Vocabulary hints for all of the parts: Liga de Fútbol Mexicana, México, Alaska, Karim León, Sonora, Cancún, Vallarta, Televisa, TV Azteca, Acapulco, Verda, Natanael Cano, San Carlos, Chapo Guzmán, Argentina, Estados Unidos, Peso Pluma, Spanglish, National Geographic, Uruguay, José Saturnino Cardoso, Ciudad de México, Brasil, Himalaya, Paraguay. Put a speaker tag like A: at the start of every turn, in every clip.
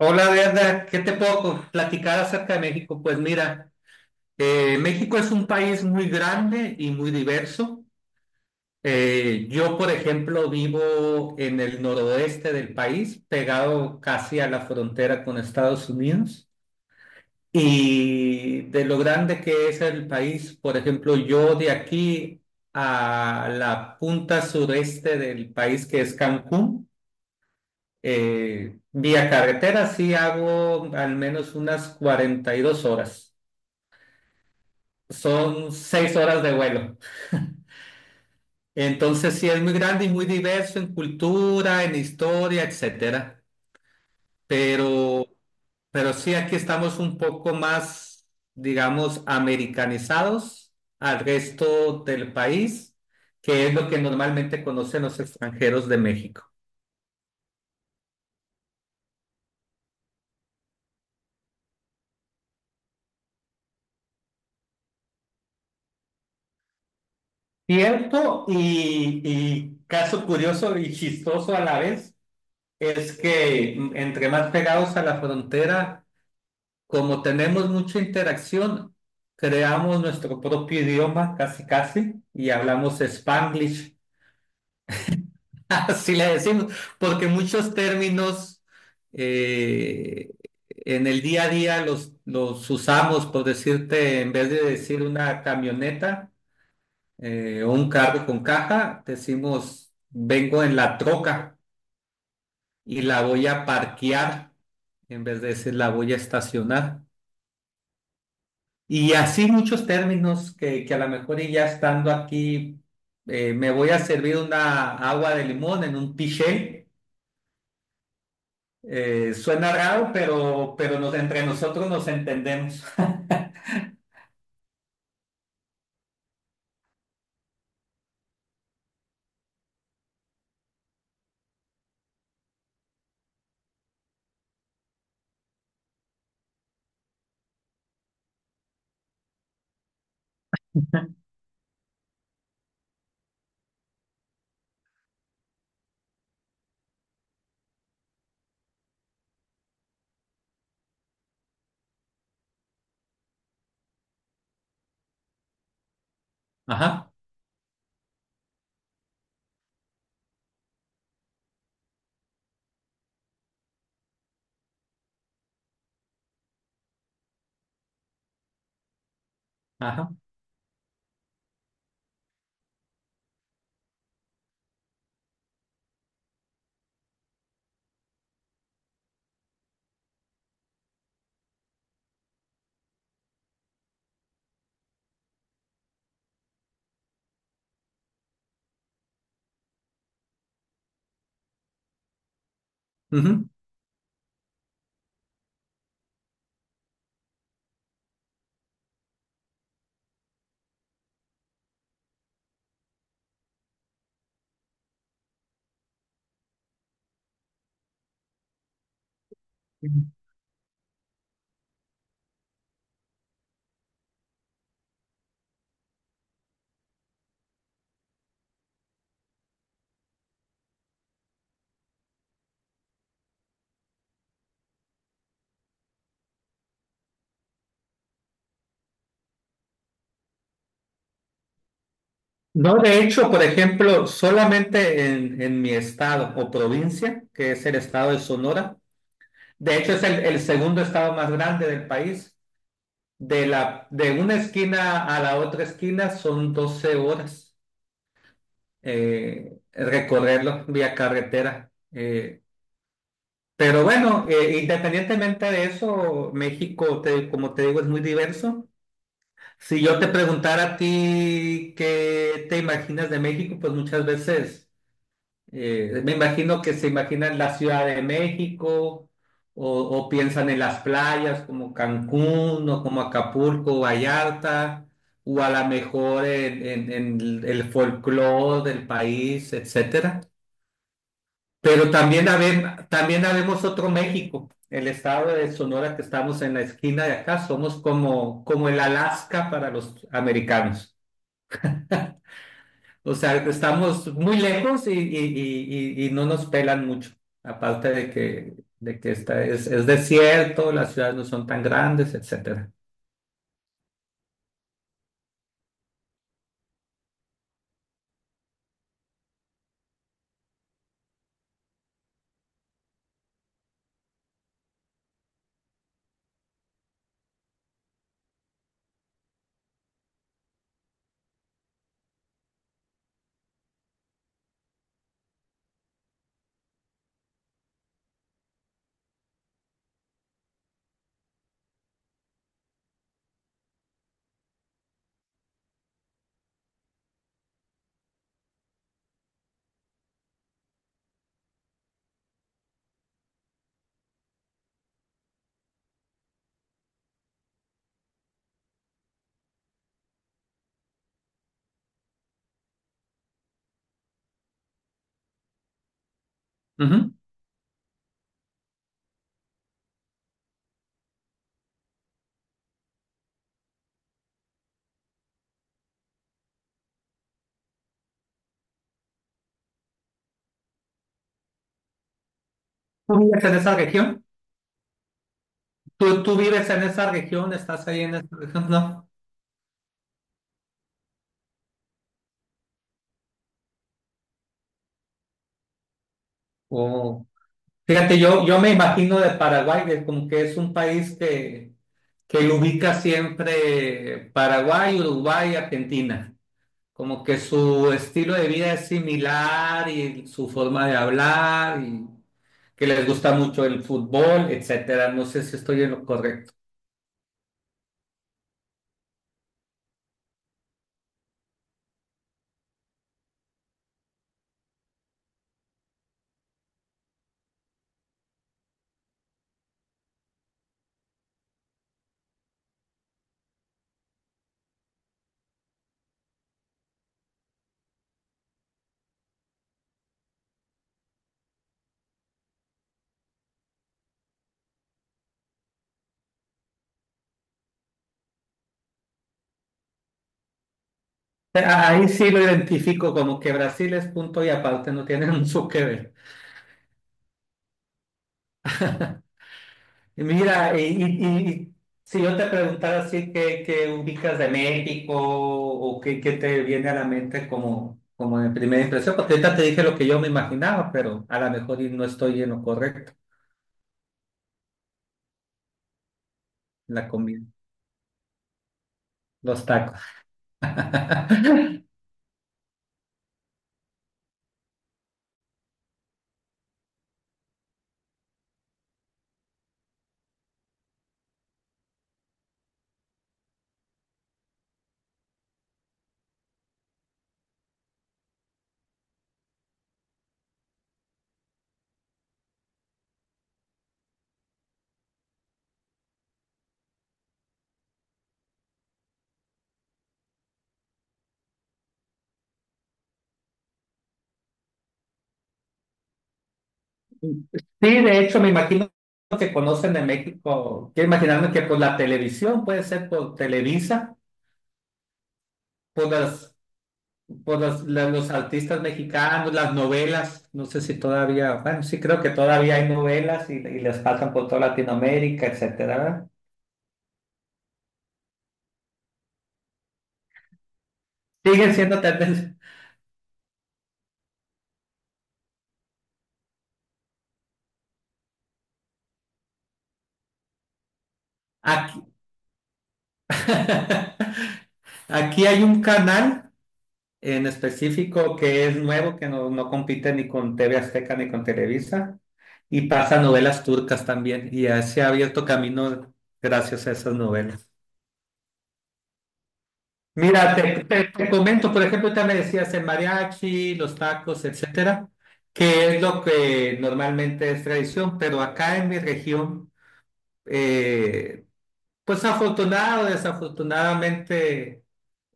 A: Hola, Verda, ¿qué te puedo platicar acerca de México? Pues mira, México es un país muy grande y muy diverso. Yo, por ejemplo, vivo en el noroeste del país, pegado casi a la frontera con Estados Unidos. Y de lo grande que es el país, por ejemplo, yo de aquí a la punta sureste del país, que es Cancún. Vía carretera sí hago al menos unas 42 horas. Son 6 horas de vuelo. Entonces sí es muy grande y muy diverso en cultura, en historia, etcétera. Pero, pero sí aquí estamos un poco más, digamos, americanizados al resto del país, que es lo que normalmente conocen los extranjeros de México. Cierto y caso curioso y chistoso a la vez. Es que entre más pegados a la frontera, como tenemos mucha interacción, creamos nuestro propio idioma casi casi y hablamos Spanglish, así le decimos, porque muchos términos eh, en el día a día los usamos, por decirte, en vez de decir una camioneta o un carro con caja, decimos, vengo en la troca y la voy a parquear, en vez de decir la voy a estacionar. Y así muchos términos que a lo mejor y ya estando aquí, me voy a servir una agua de limón en un piché. Suena raro, pero entre nosotros nos entendemos. Ajá, ajá. Ujú. No, de hecho, por ejemplo, solamente en mi estado o provincia, que es el estado de Sonora, de hecho es el segundo estado más grande del país. De una esquina a la otra esquina son 12 horas recorrerlo vía carretera. Pero bueno, independientemente de eso, México, como te digo, es muy diverso. Si yo te preguntara a ti qué te imaginas de México, pues muchas veces me imagino que se imaginan la Ciudad de México o piensan en las playas como Cancún o como Acapulco, Vallarta, o a lo mejor en el folclore del país, etcétera. Pero también también habemos otro México, el estado de Sonora que estamos en la esquina de acá, somos como el Alaska para los americanos. O sea, estamos muy lejos y no nos pelan mucho. Aparte de que esta es desierto, las ciudades no son tan grandes, etcétera. Ujú. ¿Tú vives en esa región? ¿Tú vives en esa región? ¿Estás ahí en esa región? No. O- Fíjate, yo me imagino de Paraguay, que como que es un país que lo ubica siempre Paraguay, Uruguay, Argentina. Como que su estilo de vida es similar y su forma de hablar y que les gusta mucho el fútbol, etcétera. No sé si estoy en lo correcto. Ahí sí lo identifico como que Brasil es punto y aparte, no tiene mucho que ver. Y mira, y si yo te preguntara así qué, qué, ubicas de México o qué te viene a la mente como de primera impresión, porque ahorita te dije lo que yo me imaginaba, pero a lo mejor y no estoy en lo correcto, la comida, los tacos. Sí, de hecho, me imagino que conocen de México. Quiero imaginarme que por la televisión, puede ser por Televisa, por las, los artistas mexicanos, las novelas. No sé si todavía, bueno, sí creo que todavía hay novelas y las pasan por toda Latinoamérica, etcétera, ¿verdad? Siguen siendo tendencia. Aquí, aquí hay un canal en específico que es nuevo, que no compite ni con TV Azteca ni con Televisa, y pasa novelas turcas también, y ya se ha abierto camino gracias a esas novelas. Mira, te comento, por ejemplo, ya me decías el mariachi, los tacos, etcétera, que es lo que normalmente es tradición, pero acá en mi región, eh, pues afortunado o desafortunadamente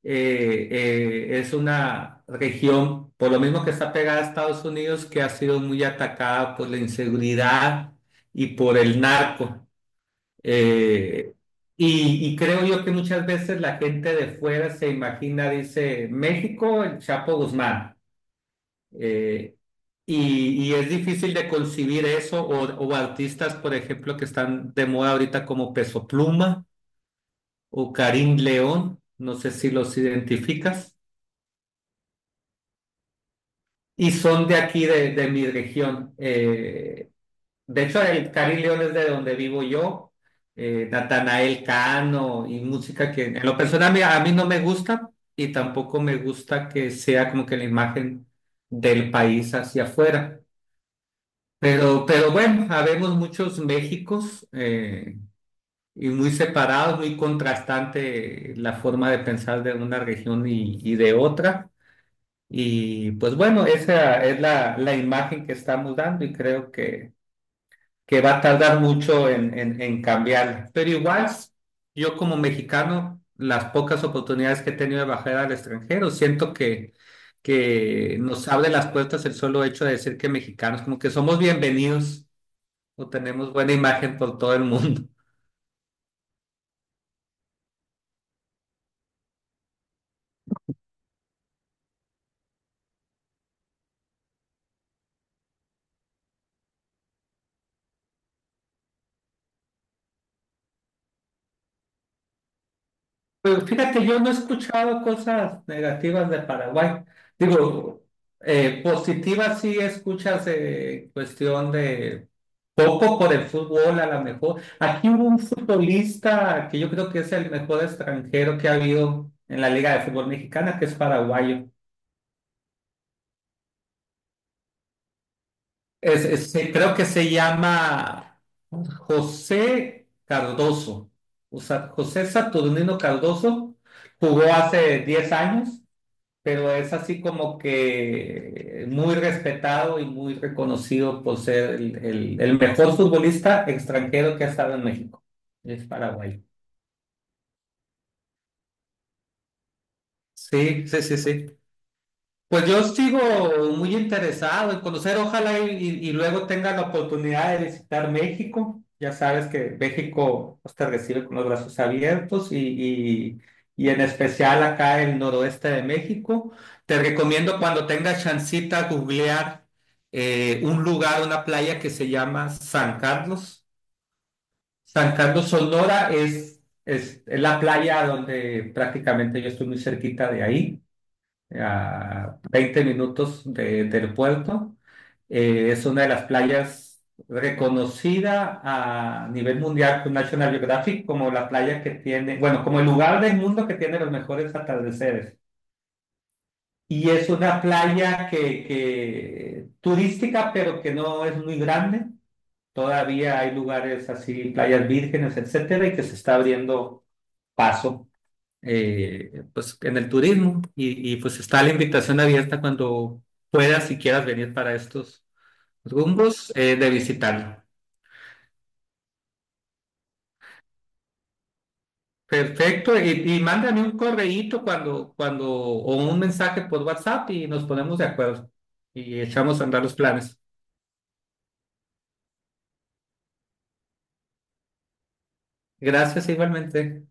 A: es una región, por lo mismo que está pegada a Estados Unidos, que ha sido muy atacada por la inseguridad y por el narco. Eh, y creo yo que muchas veces la gente de fuera se imagina, dice, México, el Chapo Guzmán. Eh, y es difícil de concebir eso, o artistas, por ejemplo, que están de moda ahorita como Peso Pluma o Karim León, no sé si los identificas. Y son de aquí, de mi región. De hecho, el Cari León es de donde vivo yo. Natanael Cano y música que en lo personal mira, a mí no me gusta y tampoco me gusta que sea como que la imagen del país hacia afuera. Pero bueno, habemos muchos Méxicos y muy separados, muy contrastante la forma de pensar de una región y de otra. Y pues bueno, esa es la imagen que estamos dando y creo que va a tardar mucho en cambiarla. Pero igual, yo como mexicano, las pocas oportunidades que he tenido de bajar al extranjero, siento que nos abre las puertas el solo hecho de decir que mexicanos, como que somos bienvenidos o tenemos buena imagen por todo el mundo. Pero fíjate, yo no he escuchado cosas negativas de Paraguay. Digo, positivas sí escuchas cuestión de poco por el fútbol, a lo mejor. Aquí hubo un futbolista que yo creo que es el mejor extranjero que ha habido en la Liga de Fútbol Mexicana, que es paraguayo. Es, creo que se llama José Cardoso. O sea, José Saturnino Cardoso jugó hace 10 años, pero es así como que muy respetado y muy reconocido por ser el, el mejor futbolista extranjero que ha estado en México. Es paraguayo. Sí, sí, sí, sí. Pues yo sigo muy interesado en conocer, ojalá y luego tenga la oportunidad de visitar México. Ya sabes que México pues, te recibe con los brazos abiertos y- y en especial acá el noroeste de México. Te recomiendo cuando tengas chancita googlear un lugar, una playa que se llama San Carlos. San Carlos, Sonora es la playa donde prácticamente yo estoy muy cerquita de ahí a 20 minutos del puerto. Es una de las playas reconocida a nivel mundial por National Geographic como la playa que tiene, bueno, como el lugar del mundo que tiene los mejores atardeceres. Y es una playa que turística, pero que no es muy grande. Todavía hay lugares así, playas vírgenes, etcétera, y que se está abriendo paso pues en el turismo pues está la invitación abierta cuando puedas y quieras venir para estos rumbos de visitarlo. Perfecto, y mándame un correíto o un mensaje por WhatsApp y nos ponemos de acuerdo y echamos a andar los planes. Gracias igualmente.